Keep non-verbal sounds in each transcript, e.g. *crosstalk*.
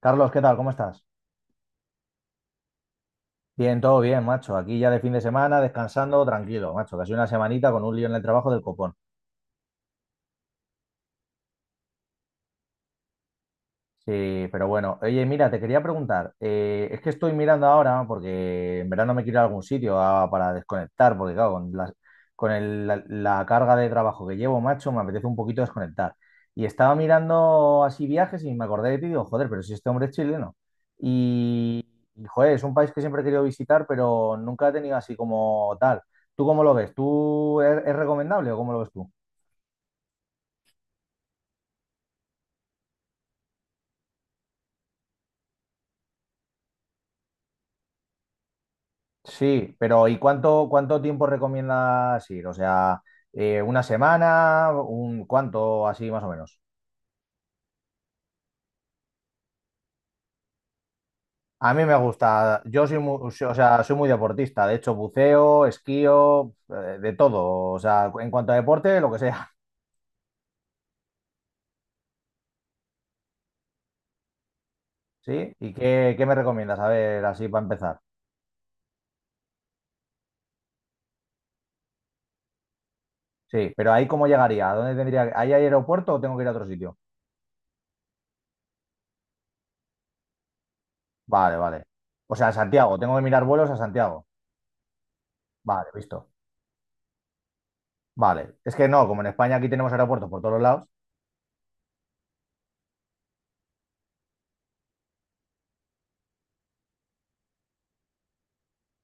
Carlos, ¿qué tal? ¿Cómo estás? Bien, todo bien, macho. Aquí ya de fin de semana, descansando, tranquilo, macho. Casi una semanita con un lío en el trabajo del copón. Sí, pero bueno, oye, mira, te quería preguntar, es que estoy mirando ahora, porque en verano me quiero ir a algún sitio para desconectar, porque claro, la carga de trabajo que llevo, macho, me apetece un poquito desconectar. Y estaba mirando así viajes y me acordé de ti y digo, joder, pero si este hombre es chileno. Y, joder, es un país que siempre he querido visitar, pero nunca he tenido así como tal. ¿Tú cómo lo ves? ¿Es recomendable o cómo lo ves tú? Sí, pero ¿y cuánto tiempo recomiendas ir? O sea, una semana, un cuánto, así más o menos. A mí me gusta, yo soy muy, o sea, soy muy deportista, de hecho, buceo, esquío, de todo, o sea, en cuanto a deporte, lo que sea. *laughs* ¿Sí? ¿Y qué me recomiendas? A ver, así para empezar. Sí, pero ahí cómo llegaría, ¿a dónde tendría que... ¿Ahí hay aeropuerto o tengo que ir a otro sitio? Vale, vale. O sea, a Santiago, tengo que mirar vuelos a Santiago. Vale, visto. Vale. Es que no, como en España aquí tenemos aeropuertos por todos lados.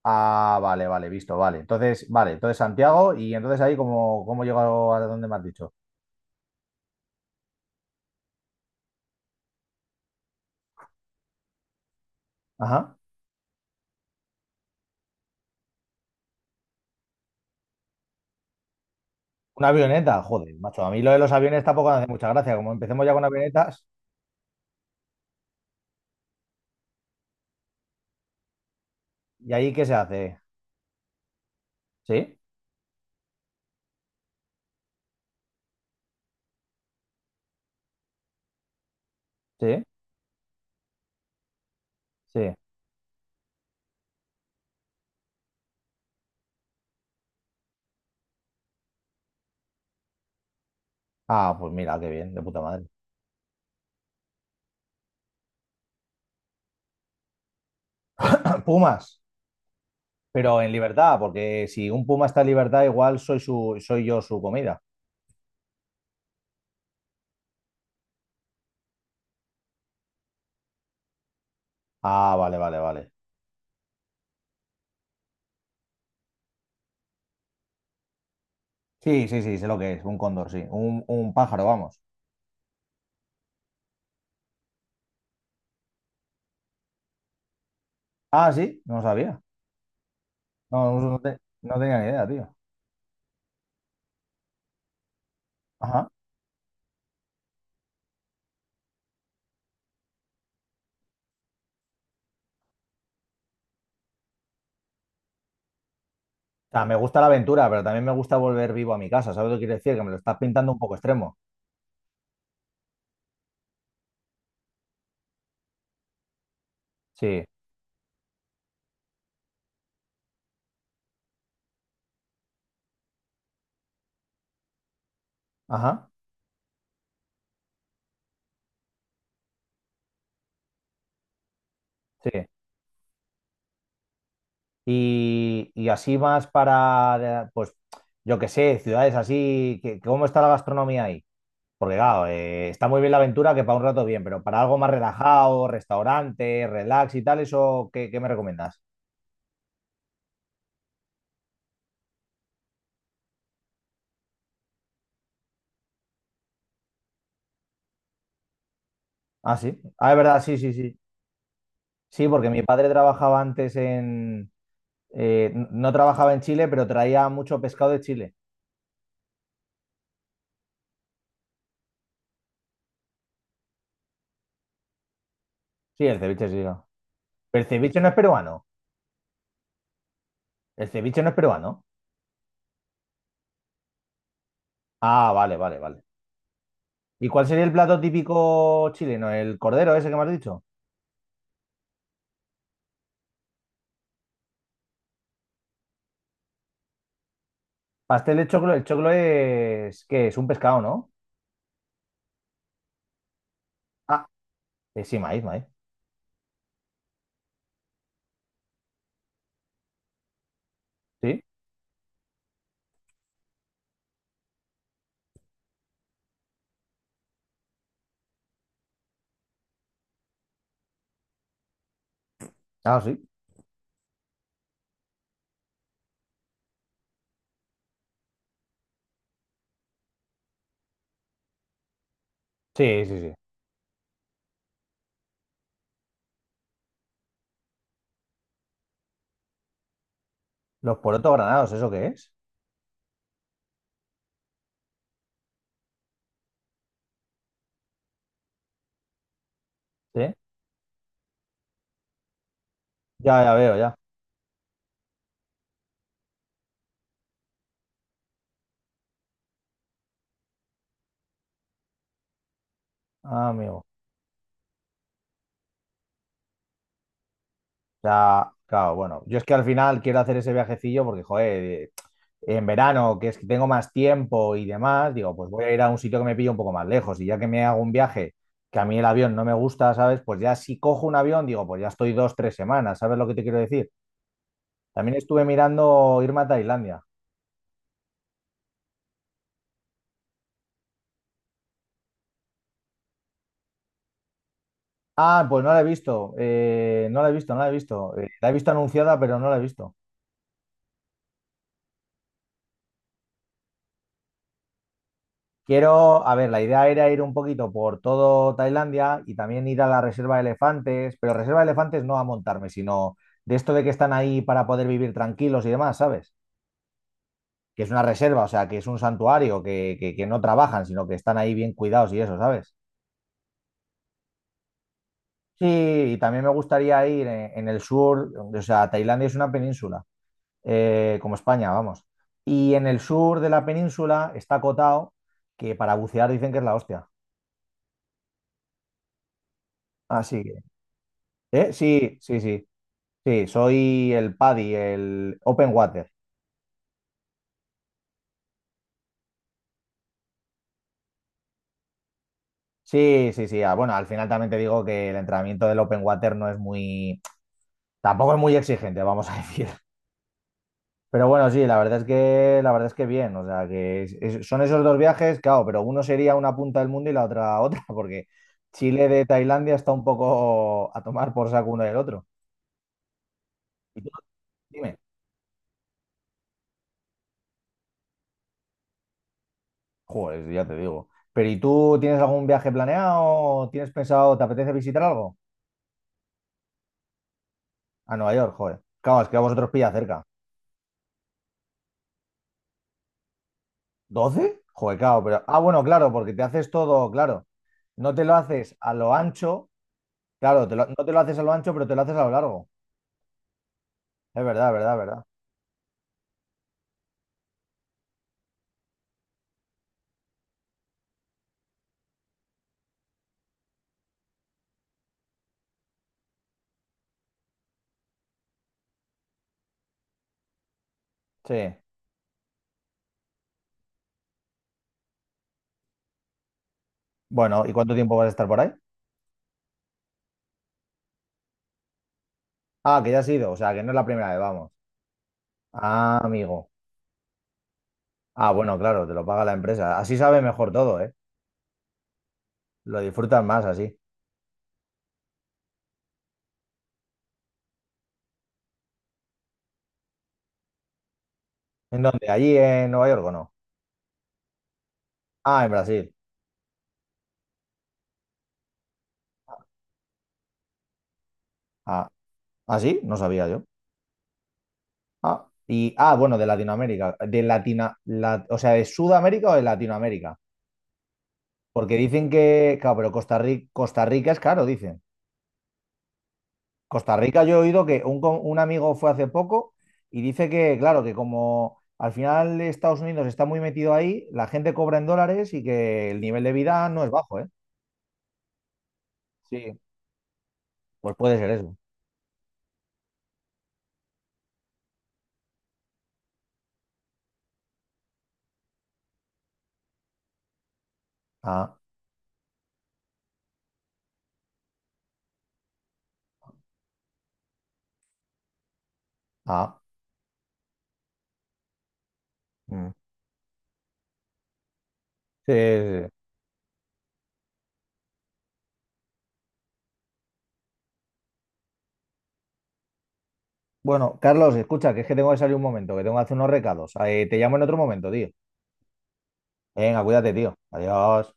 Ah, vale, vale, visto, vale. Entonces, vale, entonces Santiago, y entonces ahí, ¿cómo llegó a donde me has dicho? Ajá. Una avioneta, joder, macho. A mí lo de los aviones tampoco me hace mucha gracia. Como empecemos ya con avionetas, ¿y ahí qué se hace? ¿Sí? ¿Sí? ¿Sí? Ah, pues mira, qué bien, de puta madre. *clears throat* Pumas, pero en libertad, porque si un puma está en libertad, igual soy su, soy yo su comida. Ah, vale, vale, vale. Sí, sí, sí, sé lo que es, un cóndor, sí. Un pájaro, vamos. Ah, sí, no lo sabía. No, no, no tenía ni idea, tío. Ajá. O sea, me gusta la aventura, pero también me gusta volver vivo a mi casa. ¿Sabes lo que quiero decir? Que me lo estás pintando un poco extremo. Sí, ajá, sí. Y así más para, pues, yo qué sé, ciudades así, que, ¿cómo está la gastronomía ahí? Porque, claro, está muy bien la aventura, que para un rato bien, pero para algo más relajado, restaurante, relax y tal, ¿eso qué, qué me recomiendas? Ah, sí. Ah, es verdad, sí, sí, sí. Sí, porque mi padre trabajaba antes en... no trabajaba en Chile, pero traía mucho pescado de Chile. Sí, el ceviche, sí. El ceviche no es peruano. El ceviche no es peruano. Ah, vale, vale, vale. ¿Y cuál sería el plato típico chileno? ¿El cordero ese que me has dicho? Pastel de choclo. El choclo es... ¿Qué es? Un pescado, ¿no? Ah, sí, maíz, maíz. ¿Sí? Ah, sí. Sí, sí, sí. Los porotos granados, ¿eso qué es? Sí. Ya, ya veo, ya. Ah, amigo. Sea, claro, bueno, yo es que al final quiero hacer ese viajecillo porque, joder, en verano, que es que tengo más tiempo y demás, digo, pues voy a ir a un sitio que me pille un poco más lejos y ya que me hago un viaje que a mí el avión no me gusta, ¿sabes? Pues ya si cojo un avión, digo, pues ya estoy dos, tres semanas, ¿sabes lo que te quiero decir? También estuve mirando irme a Tailandia. Ah, pues no la he visto, no la he visto, no la he visto. La he visto anunciada, pero no la he visto. Quiero, a ver, la idea era ir un poquito por todo Tailandia y también ir a la reserva de elefantes, pero reserva de elefantes no a montarme, sino de esto de que están ahí para poder vivir tranquilos y demás, ¿sabes? Que es una reserva, o sea, que es un santuario, que no trabajan, sino que están ahí bien cuidados y eso, ¿sabes? Sí, y también me gustaría ir en el sur, o sea, Tailandia es una península, como España, vamos. Y en el sur de la península está Koh Tao, que para bucear dicen que es la hostia. Así que, ¿eh? Sí, sí, sí. Sí, soy el PADI, el Open Water. Sí, sí, sí. Ah, bueno, al final también te digo que el entrenamiento del Open Water no es muy, tampoco es muy exigente, vamos a *laughs* decir. Pero bueno, sí, la verdad es que, la verdad es que bien. O sea, son esos dos viajes, claro, pero uno sería una punta del mundo y la otra *laughs* otra, porque Chile de Tailandia está un poco a tomar por saco uno del otro. Y tú, dime, joder, ya te digo. Pero ¿y tú tienes algún viaje planeado? ¿Tienes pensado, te apetece visitar algo? A Nueva York, joder. Claro, es que a vosotros pilla cerca. 12, joder, claro, pero. Ah, bueno, claro, porque te haces todo, claro. No te lo haces a lo ancho, claro, no te lo haces a lo ancho, pero te lo haces a lo largo. Es verdad, verdad, verdad. Sí. Bueno, ¿y cuánto tiempo vas a estar por ahí? Ah, que ya has ido, o sea, que no es la primera vez, vamos. Ah, amigo. Ah, bueno, claro, te lo paga la empresa. Así sabe mejor todo, ¿eh? Lo disfrutas más así. ¿En dónde? ¿Allí en Nueva York o no? Ah, en Brasil. Ah, ¿ah, sí? No sabía yo. Ah, y, ah, bueno, de Latinoamérica. De Latina, o sea, ¿de Sudamérica o de Latinoamérica? Porque dicen que, claro, pero Costa Rica, Costa Rica es caro, dicen. Costa Rica yo he oído que un, un amigo fue hace poco y dice que, claro, que como al final Estados Unidos está muy metido ahí, la gente cobra en dólares y que el nivel de vida no es bajo, ¿eh? Sí, pues puede ser eso. Ah, ah. Mm. Sí, sí, sí. Bueno, Carlos, escucha, que es que tengo que salir un momento, que tengo que hacer unos recados. Te llamo en otro momento, tío. Venga, cuídate, tío. Adiós.